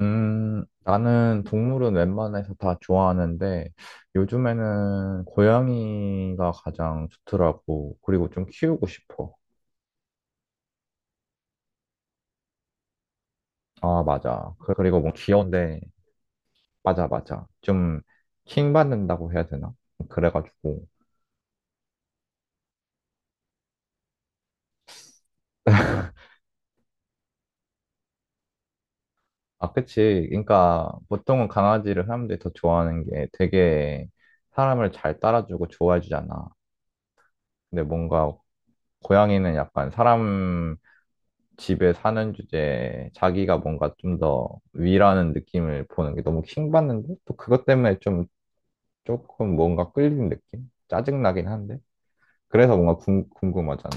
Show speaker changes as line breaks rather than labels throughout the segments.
나는 동물은 웬만해서 다 좋아하는데 요즘에는 고양이가 가장 좋더라고. 그리고 좀 키우고 싶어. 아, 맞아. 그리고 뭐 귀여운데, 맞아, 맞아. 좀 킹받는다고 해야 되나? 그래가지고. 아, 그치. 그러니까 보통은 강아지를 사람들이 더 좋아하는 게 되게 사람을 잘 따라주고 좋아해주잖아. 근데 뭔가 고양이는 약간 사람 집에 사는 주제에 자기가 뭔가 좀 더 위라는 느낌을 보는 게 너무 킹받는데 또 그것 때문에 좀 조금 뭔가 끌리는 느낌? 짜증나긴 한데 그래서 뭔가 궁금하잖아.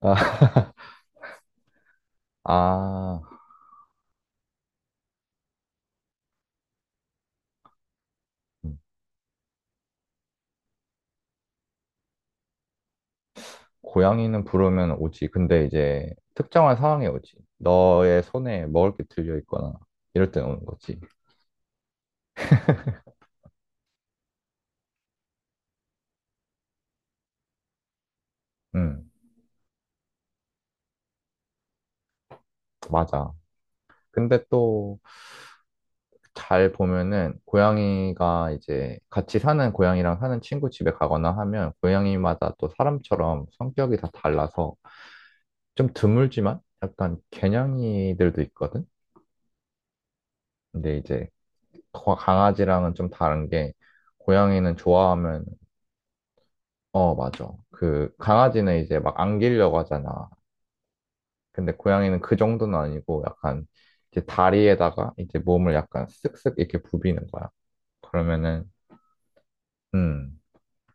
아, 아, 음. 고양이는 부르면 오지. 근데 이제 특정한 상황에 오지. 너의 손에 먹을 게 들려 있거나 이럴 때 오는 거지. 응, 맞아. 근데 또 잘 보면은 고양이가 이제 같이 사는 고양이랑 사는 친구 집에 가거나 하면 고양이마다 또 사람처럼 성격이 다 달라서 좀 드물지만 약간 개냥이들도 있거든. 근데 이제 강아지랑은 좀 다른 게 고양이는 좋아하면 어 맞아. 그 강아지는 이제 막 안기려고 하잖아. 근데 고양이는 그 정도는 아니고 약간 이제 다리에다가 이제 몸을 약간 쓱쓱 이렇게 부비는 거야. 그러면은 음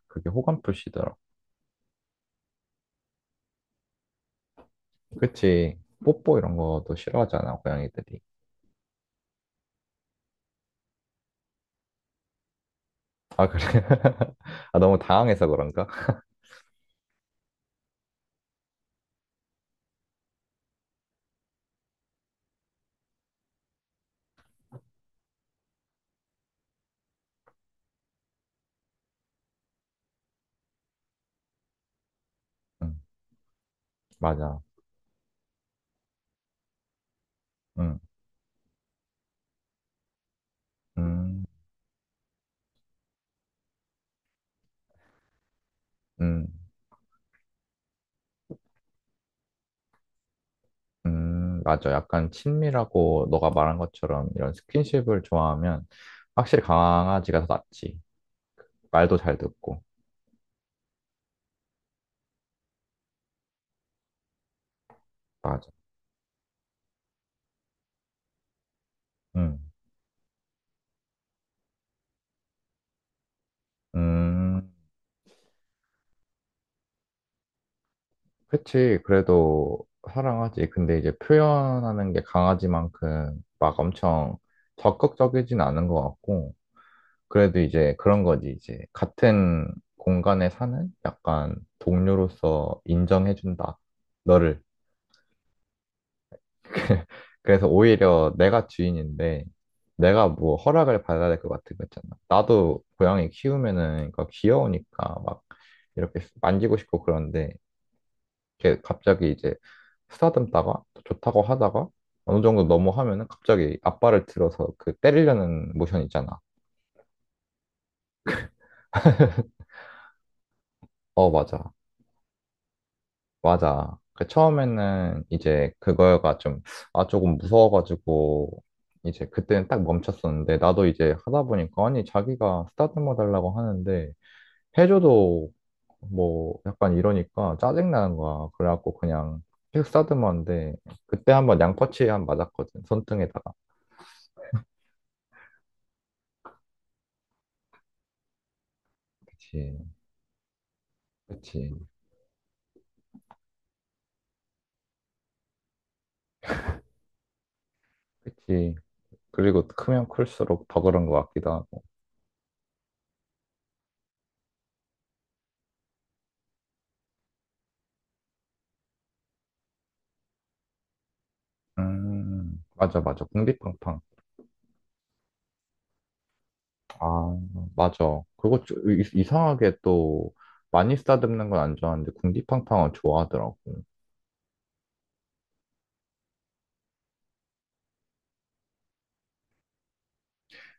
그게 호감 표시더라. 그치. 뽀뽀 이런 것도 싫어하잖아, 고양이들이. 아, 그래? 아, 너무 당황해서 그런가? 응, 맞아. 응, 음, 음, 맞아. 약간 친밀하고 너가 말한 것처럼 이런 스킨십을 좋아하면 확실히 강아지가 더 낫지. 말도 잘 듣고. 맞아. 응, 음, 그치. 그래도 사랑하지. 근데 이제 표현하는 게 강아지만큼 막 엄청 적극적이진 않은 것 같고. 그래도 이제 그런 거지, 이제. 같은 공간에 사는 약간 동료로서 인정해준다. 너를. 그래서 오히려 내가 주인인데, 내가 뭐 허락을 받아야 될 것 같은 거 있잖아. 나도 고양이 키우면은, 그러니까 귀여우니까 막 이렇게 만지고 싶고 그런데, 이렇게 갑자기 이제 쓰다듬다가 또 좋다고 하다가 어느 정도 넘어하면은 갑자기 앞발을 들어서 그 때리려는 모션 있잖아. 어, 맞아. 맞아. 그 처음에는 이제 그거가 좀, 아, 조금 무서워가지고, 이제 그때는 딱 멈췄었는데, 나도 이제 하다 보니까, 아니, 자기가 스타트머 달라고 하는데, 해줘도 뭐, 약간 이러니까 짜증나는 거야. 그래갖고 그냥, 픽 스타트머인데, 그때 한번 양꼬치 한 맞았거든. 손등에다가. 그치, 그치, 그치. 그리고 크면 클수록 더 그런 것 같기도 하고. 맞아, 맞아. 궁디팡팡. 아, 맞아. 그거 좀 이상하게 또 많이 싸듬는 건 안 좋아하는데 궁디팡팡은 좋아하더라고.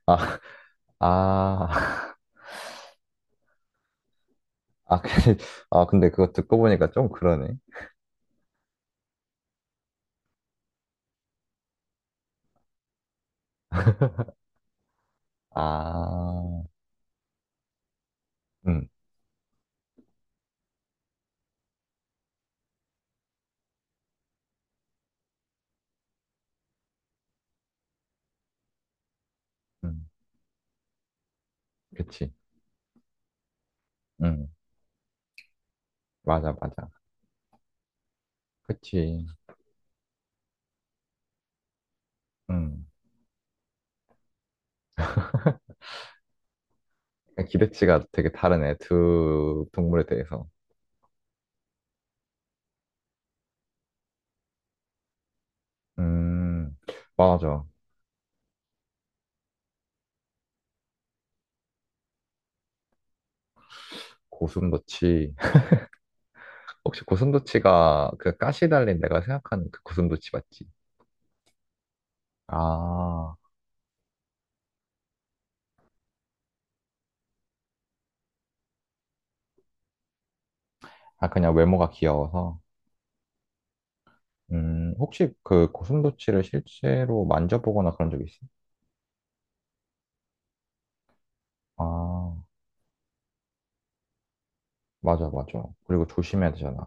아, 아, 아, 근데, 아, 근데 그거 듣고 보니까 좀 그러네. 아, 응, 응, 그치. 응, 맞아, 맞아. 그치. 응. 기대치가 되게 다르네. 두 동물에 대해서. 음, 맞아. 고슴도치. 혹시 고슴도치가 그 가시 달린 내가 생각하는 그 고슴도치 맞지? 아. 아, 그냥 외모가 귀여워서. 혹시 그 고슴도치를 실제로 만져보거나 그런 적 있어? 아, 맞아, 맞아. 그리고 조심해야 되잖아.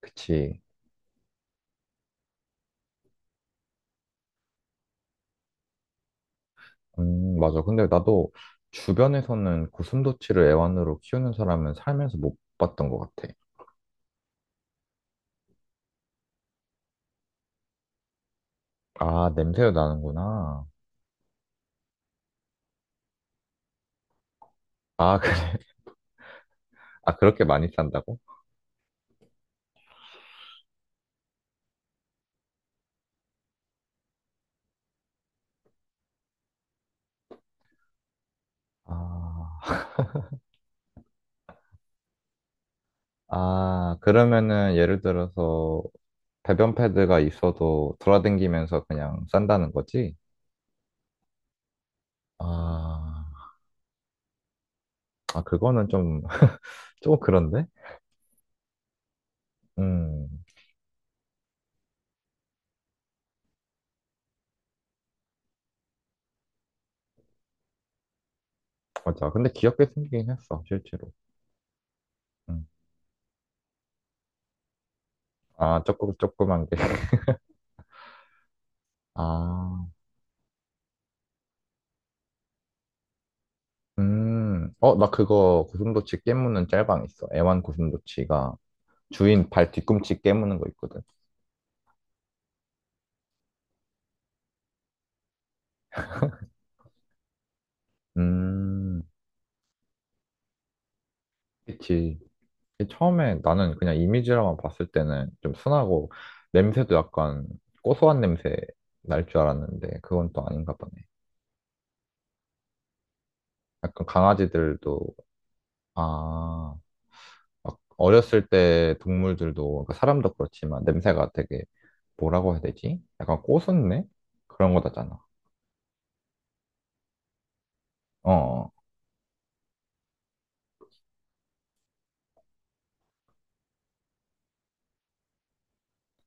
그치. 맞아. 근데 나도 주변에서는 고슴도치를 애완으로 키우는 사람은 살면서 못 봤던 것 같아. 아, 냄새도 나는구나. 아, 그래. 아, 그렇게 많이 산다고? 아, 아, 그러면은 예를 들어서 배변 패드가 있어도 돌아다니면서 그냥 싼다는 거지? 아. 아, 그거는 좀, 조금 그런데? 음, 맞아. 근데 귀엽게 생기긴 했어, 실제로. 음. 아, 조금, 조그만 게. 아, 어, 나 그거 고슴도치 깨무는 짤방 있어. 애완 고슴도치가 주인 발 뒤꿈치 깨무는 거 있거든. 음, 그치. 처음에 나는 그냥 이미지로만 봤을 때는 좀 순하고 냄새도 약간 고소한 냄새 날 줄 알았는데 그건 또 아닌가 보네. 약간 강아지들도, 아, 막 어렸을 때 동물들도 그러니까 사람도 그렇지만 냄새가 되게 뭐라고 해야 되지? 약간 꼬순내 그런 거다잖아. 어. 어.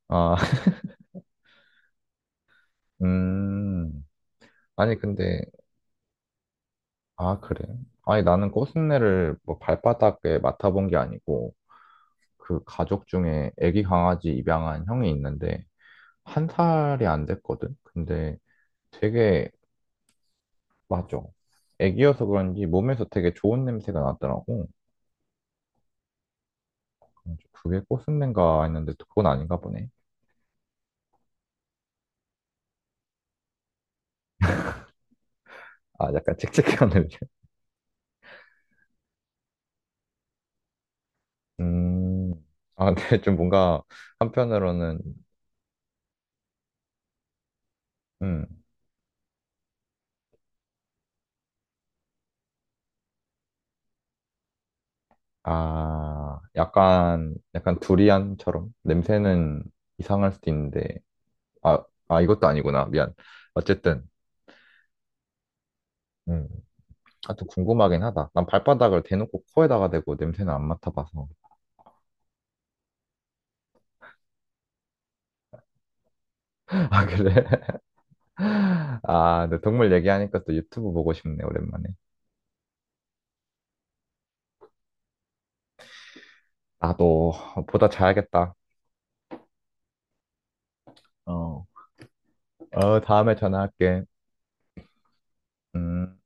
아, 음. 아니 근데 아 그래. 아니 나는 꼬순내를 뭐 발바닥에 맡아본 게 아니고 그 가족 중에 애기 강아지 입양한 형이 있는데 한 살이 안 됐거든. 근데 되게 맞아. 애기여서 그런지 몸에서 되게 좋은 냄새가 나더라고. 그래서 그게 꼬순내인가 했는데 그건 아닌가 보네. 아, 약간 칙칙한네요 음, 아, 근데 좀 뭔가 한편으로는, 음, 아, 약간, 약간 두리안처럼 냄새는 이상할 수도 있는데, 아, 아, 이것도 아니구나. 미안. 어쨌든, 음, 아, 튼 궁금하긴 하다. 난 발바닥을 대놓고 코에다가 대고 냄새는 안 맡아봐서. 아, 그래? 아, 근데 동물 얘기하니까 또 유튜브 보고 싶네, 오랜만에. 나도 보다 자야겠다. 어, 어, 다음에 전화할게. 음.